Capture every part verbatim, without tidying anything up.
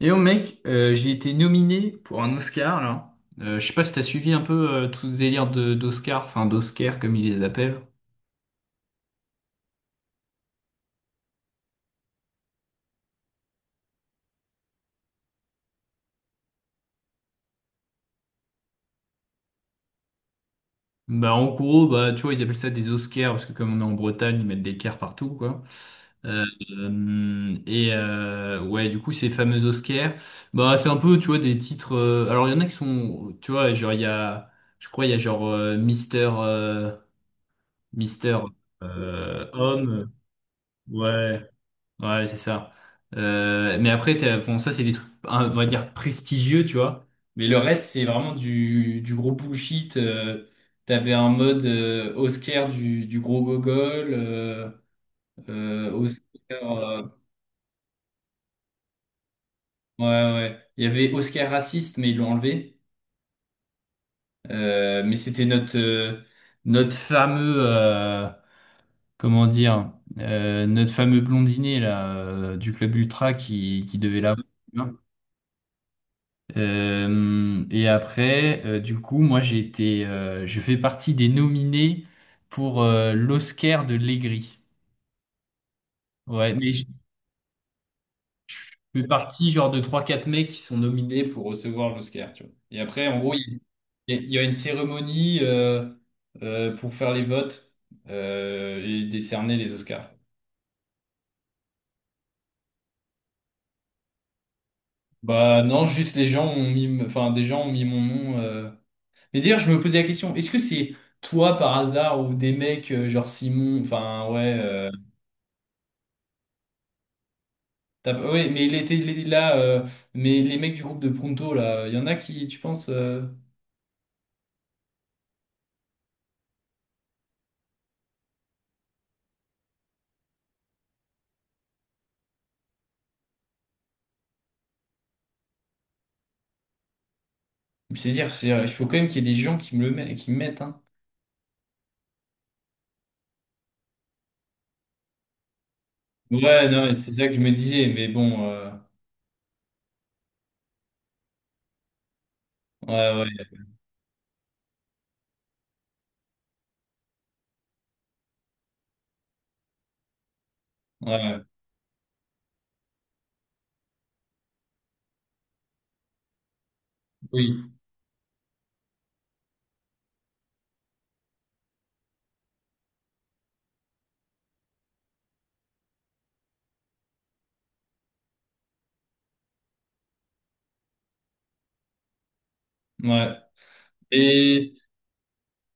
Et oh mec, euh, j'ai été nominé pour un Oscar là. Euh, je sais pas si t'as suivi un peu euh, tout ce délire de d'Oscar, enfin d'Oscar comme ils les appellent. Bah en gros, bah tu vois, ils appellent ça des Oscars parce que comme on est en Bretagne, ils mettent des cars partout quoi. Euh, euh, et euh, ouais, du coup ces fameux Oscars, bah c'est un peu tu vois des titres. Euh, alors il y en a qui sont, tu vois, genre il y a, je crois il y a genre euh, Mister euh, Mister euh, Homme, ouais. Ouais, c'est ça. Euh, mais après, t'as- bon, ça, c'est des trucs, hein, on va dire, prestigieux, tu vois. Mais le reste, c'est vraiment du, du gros bullshit. Euh, t'avais un mode euh, Oscar du, du gros gogol. Euh, euh, Oscar. Euh, ouais, ouais. Il y avait Oscar raciste, mais ils l'ont enlevé. Euh, mais c'était notre, euh, notre fameux. Euh, comment dire? Euh, notre fameux blondinet, là, euh, du club Ultra qui, qui devait l'avoir. Euh, et après, euh, du coup, moi, j'ai été, euh, je fais partie des nominés pour euh, l'Oscar de l'Aigri. Ouais, mais je fais partie genre de trois quatre mecs qui sont nominés pour recevoir l'Oscar, tu vois. Et après, en gros, il y, a il y a une cérémonie euh, euh, pour faire les votes euh, et décerner les Oscars. Bah non, juste les gens ont mis, enfin, des gens ont mis mon nom. euh, Mais d'ailleurs, je me posais la question, est-ce que c'est toi par hasard ou des mecs euh, genre Simon, enfin ouais, euh, t'as- ouais, mais il était il est là, euh, mais les mecs du groupe de Pronto là, il y en a qui, tu penses, euh, c'est-à-dire, c'est- il faut quand même qu'il y ait des gens qui me le met- qui me mettent, hein. Ouais, non, mais c'est ça que je me disais, mais bon, euh, ouais, ouais, ouais, oui, ouais. Et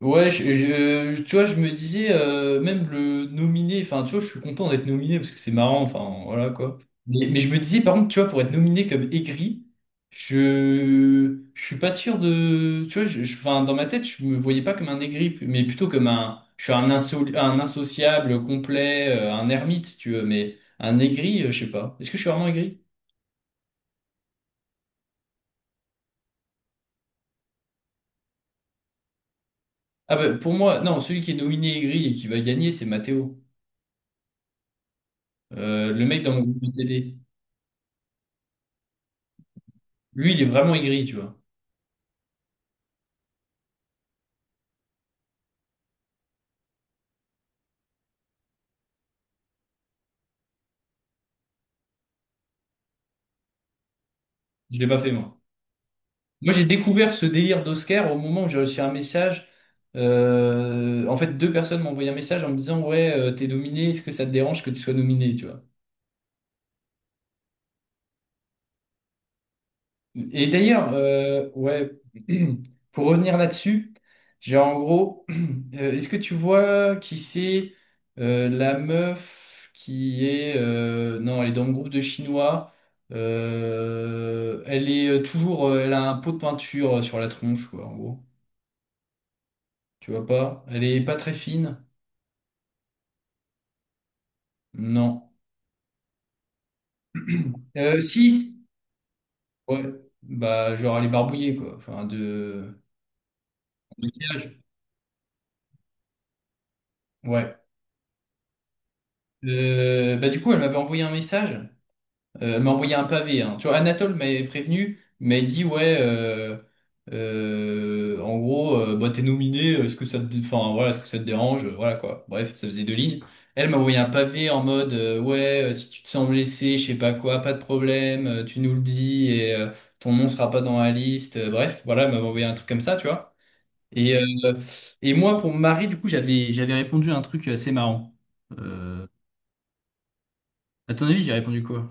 ouais, je- je- euh, tu vois, je me disais, euh, même le nominé, enfin, tu vois, je suis content d'être nominé parce que c'est marrant, enfin, voilà quoi. Mais, mais je me disais, par contre, tu vois, pour être nominé comme aigri, je, je suis pas sûr de. Tu vois, je, je- enfin, dans ma tête, je me voyais pas comme un aigri, mais plutôt comme un. Je suis un, inso- un insociable complet, euh, un ermite, tu veux, mais un aigri, euh, je sais pas. Est-ce que je suis vraiment aigri? Ah, bah, pour moi, non, celui qui est nominé aigri et qui va gagner, c'est Mathéo. Euh, le mec dans mon groupe de télé. Lui, il est vraiment aigri, tu vois. Je l'ai pas fait, moi. Moi, j'ai découvert ce délire d'Oscar au moment où j'ai reçu un message. Euh, en fait, deux personnes m'ont envoyé un message en me disant, ouais, euh, t'es nominé, est-ce que ça te dérange que tu sois nominé, tu vois? Et d'ailleurs, euh, ouais, pour revenir là-dessus, j'ai en gros, euh, est-ce que tu vois qui c'est euh, la meuf qui est. Euh, non, elle est dans le groupe de Chinois. Euh, elle est euh, toujours. euh, Elle a un pot de peinture euh, sur la tronche, quoi, en gros. Tu vois pas? Elle est pas très fine? Non. Euh, six? Ouais. Bah, genre, elle est barbouillée, quoi. Enfin, de... en maquillage. Ouais. Euh, bah, du coup, elle m'avait envoyé un message. Euh, elle m'a envoyé un pavé. Hein. Tu vois, Anatole m'avait prévenu, m'avait dit ouais, euh, euh, en gros, euh, bah, t'es nominé. Est-ce que ça te, dé- enfin voilà, est-ce que ça te dérange? Euh, Voilà quoi. Bref, ça faisait deux lignes. Elle m'a envoyé un pavé en mode euh, ouais, euh, si tu te sens blessé, je sais pas quoi, pas de problème, euh, tu nous le dis et euh, ton nom sera pas dans la liste. Euh, bref, voilà, elle m'avait envoyé un truc comme ça, tu vois. Et euh, et moi pour Marie, du coup, j'avais j'avais répondu à un truc assez marrant. Euh, à ton avis, j'ai répondu quoi?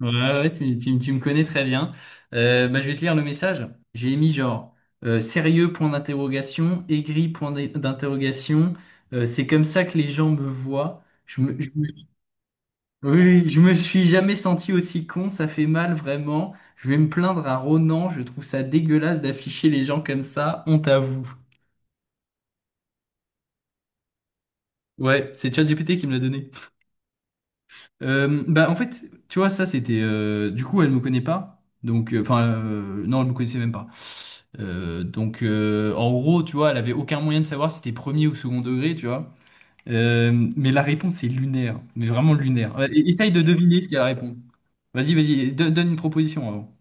Ouais, ouais, ouais, tu, tu- tu me connais très bien. Euh, bah, je vais te lire le message. J'ai mis genre euh, sérieux point d'interrogation, aigri point d'in- d'interrogation. Euh, c'est comme ça que les gens me voient. Je me, je me- oui, oui, je me suis jamais senti aussi con. Ça fait mal vraiment. Je vais me plaindre à Ronan. Je trouve ça dégueulasse d'afficher les gens comme ça. Honte à vous. Ouais, c'est ChatGPT qui me l'a donné. Euh, bah en fait, tu vois, ça c'était. Euh, du coup, elle me connaît pas. Donc, euh, enfin, euh, non, elle me connaissait même pas. Euh, donc, euh, en gros, tu vois, elle avait aucun moyen de savoir si c'était premier ou second degré, tu vois. Euh, mais la réponse est lunaire, mais vraiment lunaire. Ouais, et- essaye de deviner ce qu'elle répond. Vas-y, vas-y, do- donne une proposition avant.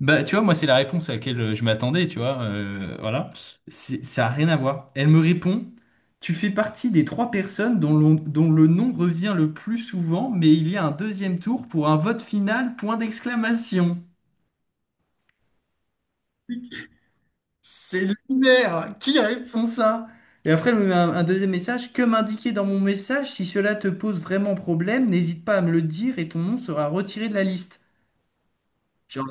Bah, tu vois, moi, c'est la réponse à laquelle euh, je m'attendais, tu vois. Euh, voilà. C'est- Ça a rien à voir. Elle me répond, tu fais partie des trois personnes dont l'on- dont le nom revient le plus souvent, mais il y a un deuxième tour pour un vote final, point d'exclamation. C'est lunaire! Qui répond ça? Et après, elle me met un, un deuxième message. Comme indiqué dans mon message, si cela te pose vraiment problème, n'hésite pas à me le dire et ton nom sera retiré de la liste. Genre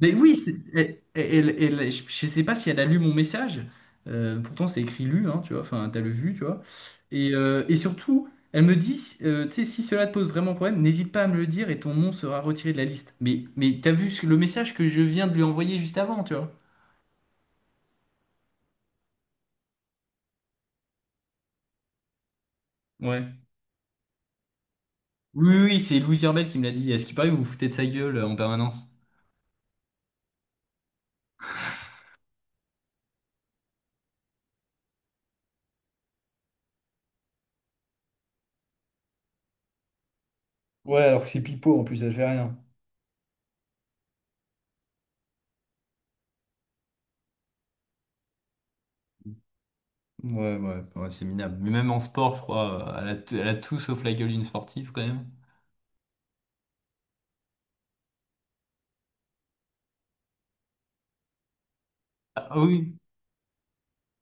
mais oui, c'est- elle- elle- elle- je je sais pas si elle a lu mon message. Euh, pourtant, c'est écrit lu, hein, tu vois. Enfin, t'as le vu, tu vois. Et, euh, et surtout, elle me dit, euh, tu sais, si cela te pose vraiment problème, n'hésite pas à me le dire et ton nom sera retiré de la liste. Mais, mais t'as vu ce- le message que je viens de lui envoyer juste avant, tu vois. Ouais. Oui, oui, oui, c'est Louis Herbel qui me l'a dit. Est-ce qu'il paraît que vous vous foutez de sa gueule euh, en permanence? Ouais, alors que c'est pipeau en plus, elle fait rien. Ouais, ouais, ouais, c'est minable. Mais même en sport, je crois, euh, elle a, t- elle a tout sauf la gueule d'une sportive quand même. Ah oui.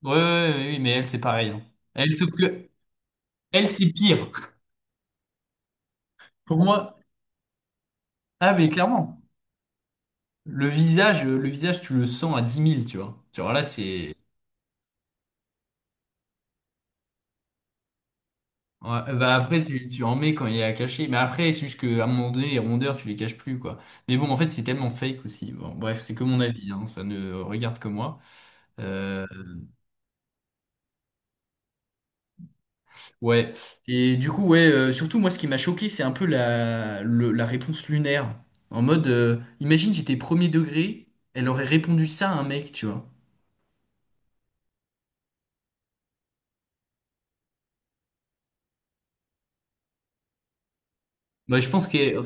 Ouais, ouais, ouais, ouais, mais elle, c'est pareil. Hein. Elle, sauf que elle, c'est pire. Pour moi, ah, mais clairement, le visage, euh, le visage, tu le sens à dix mille, tu vois. Tu vois, là, c'est. Ouais, bah après, tu, tu en mets quand il est à cacher. Mais après, c'est juste qu'à un moment donné, les rondeurs, tu les caches plus, quoi. Mais bon, en fait, c'est tellement fake aussi. Bon, bref, c'est que mon avis, hein, ça ne regarde que moi. Euh, Ouais. Et du coup, ouais, euh, surtout moi, ce qui m'a choqué, c'est un peu la, le- la réponse lunaire. En mode, euh, imagine, j'étais premier degré, elle aurait répondu ça à un mec, tu vois. Bah, je pense que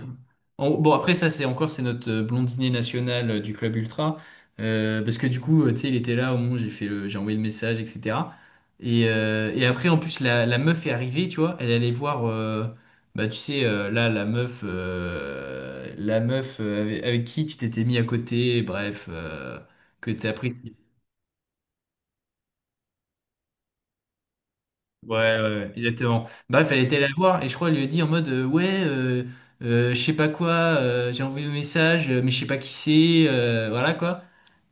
en- bon, après, ça, c'est encore, c'est notre euh, blondinet national euh, du club ultra. Euh, parce que du coup, euh, tu sais, il était là au moment où j'ai fait le, j'ai envoyé le message, et cetera. Et, euh, et après, en plus, la, la meuf est arrivée, tu vois. Elle allait voir, euh, bah, tu sais, euh, là, la meuf, euh, la meuf euh, avec, avec qui tu t'étais mis à côté, bref, euh, que t'as pris. Ouais, ouais, ouais, exactement. Bah, fallait aller la voir et je crois elle lui a dit en mode euh, ouais, euh, euh, je sais pas quoi, euh, j'ai envoyé un message, euh, mais je sais pas qui c'est, euh, voilà quoi.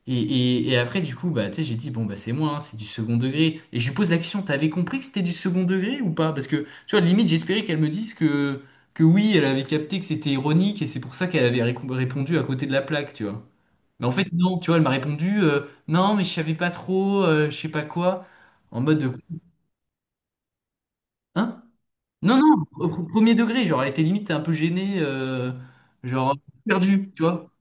Et, et, et après du coup bah tu sais j'ai dit bon bah c'est moi, hein, c'est du second degré. Et je lui pose la question, t'avais compris que c'était du second degré ou pas? Parce que tu vois limite j'espérais qu'elle me dise que que oui elle avait capté que c'était ironique et c'est pour ça qu'elle avait récon- répondu à côté de la plaque, tu vois. Mais en fait non, tu vois elle m'a répondu euh, non mais je savais pas trop, euh, je sais pas quoi, en mode de... hein? Non, non, pr- premier degré, genre, elle était limite un peu gênée, euh, genre, perdue, tu vois.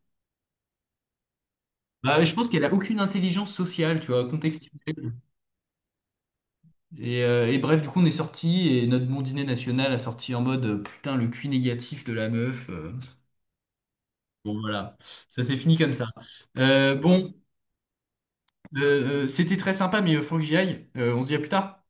Bah, je pense qu'elle a aucune intelligence sociale, tu vois, contextuelle. Et, euh, et bref, du coup, on est sorti et notre bon dîner national a sorti en mode euh, putain, le cul négatif de la meuf. euh. Bon, voilà, ça s'est fini comme ça. Euh, bon, euh, euh, c'était très sympa, mais il faut que j'y aille. Euh, on se dit à plus tard.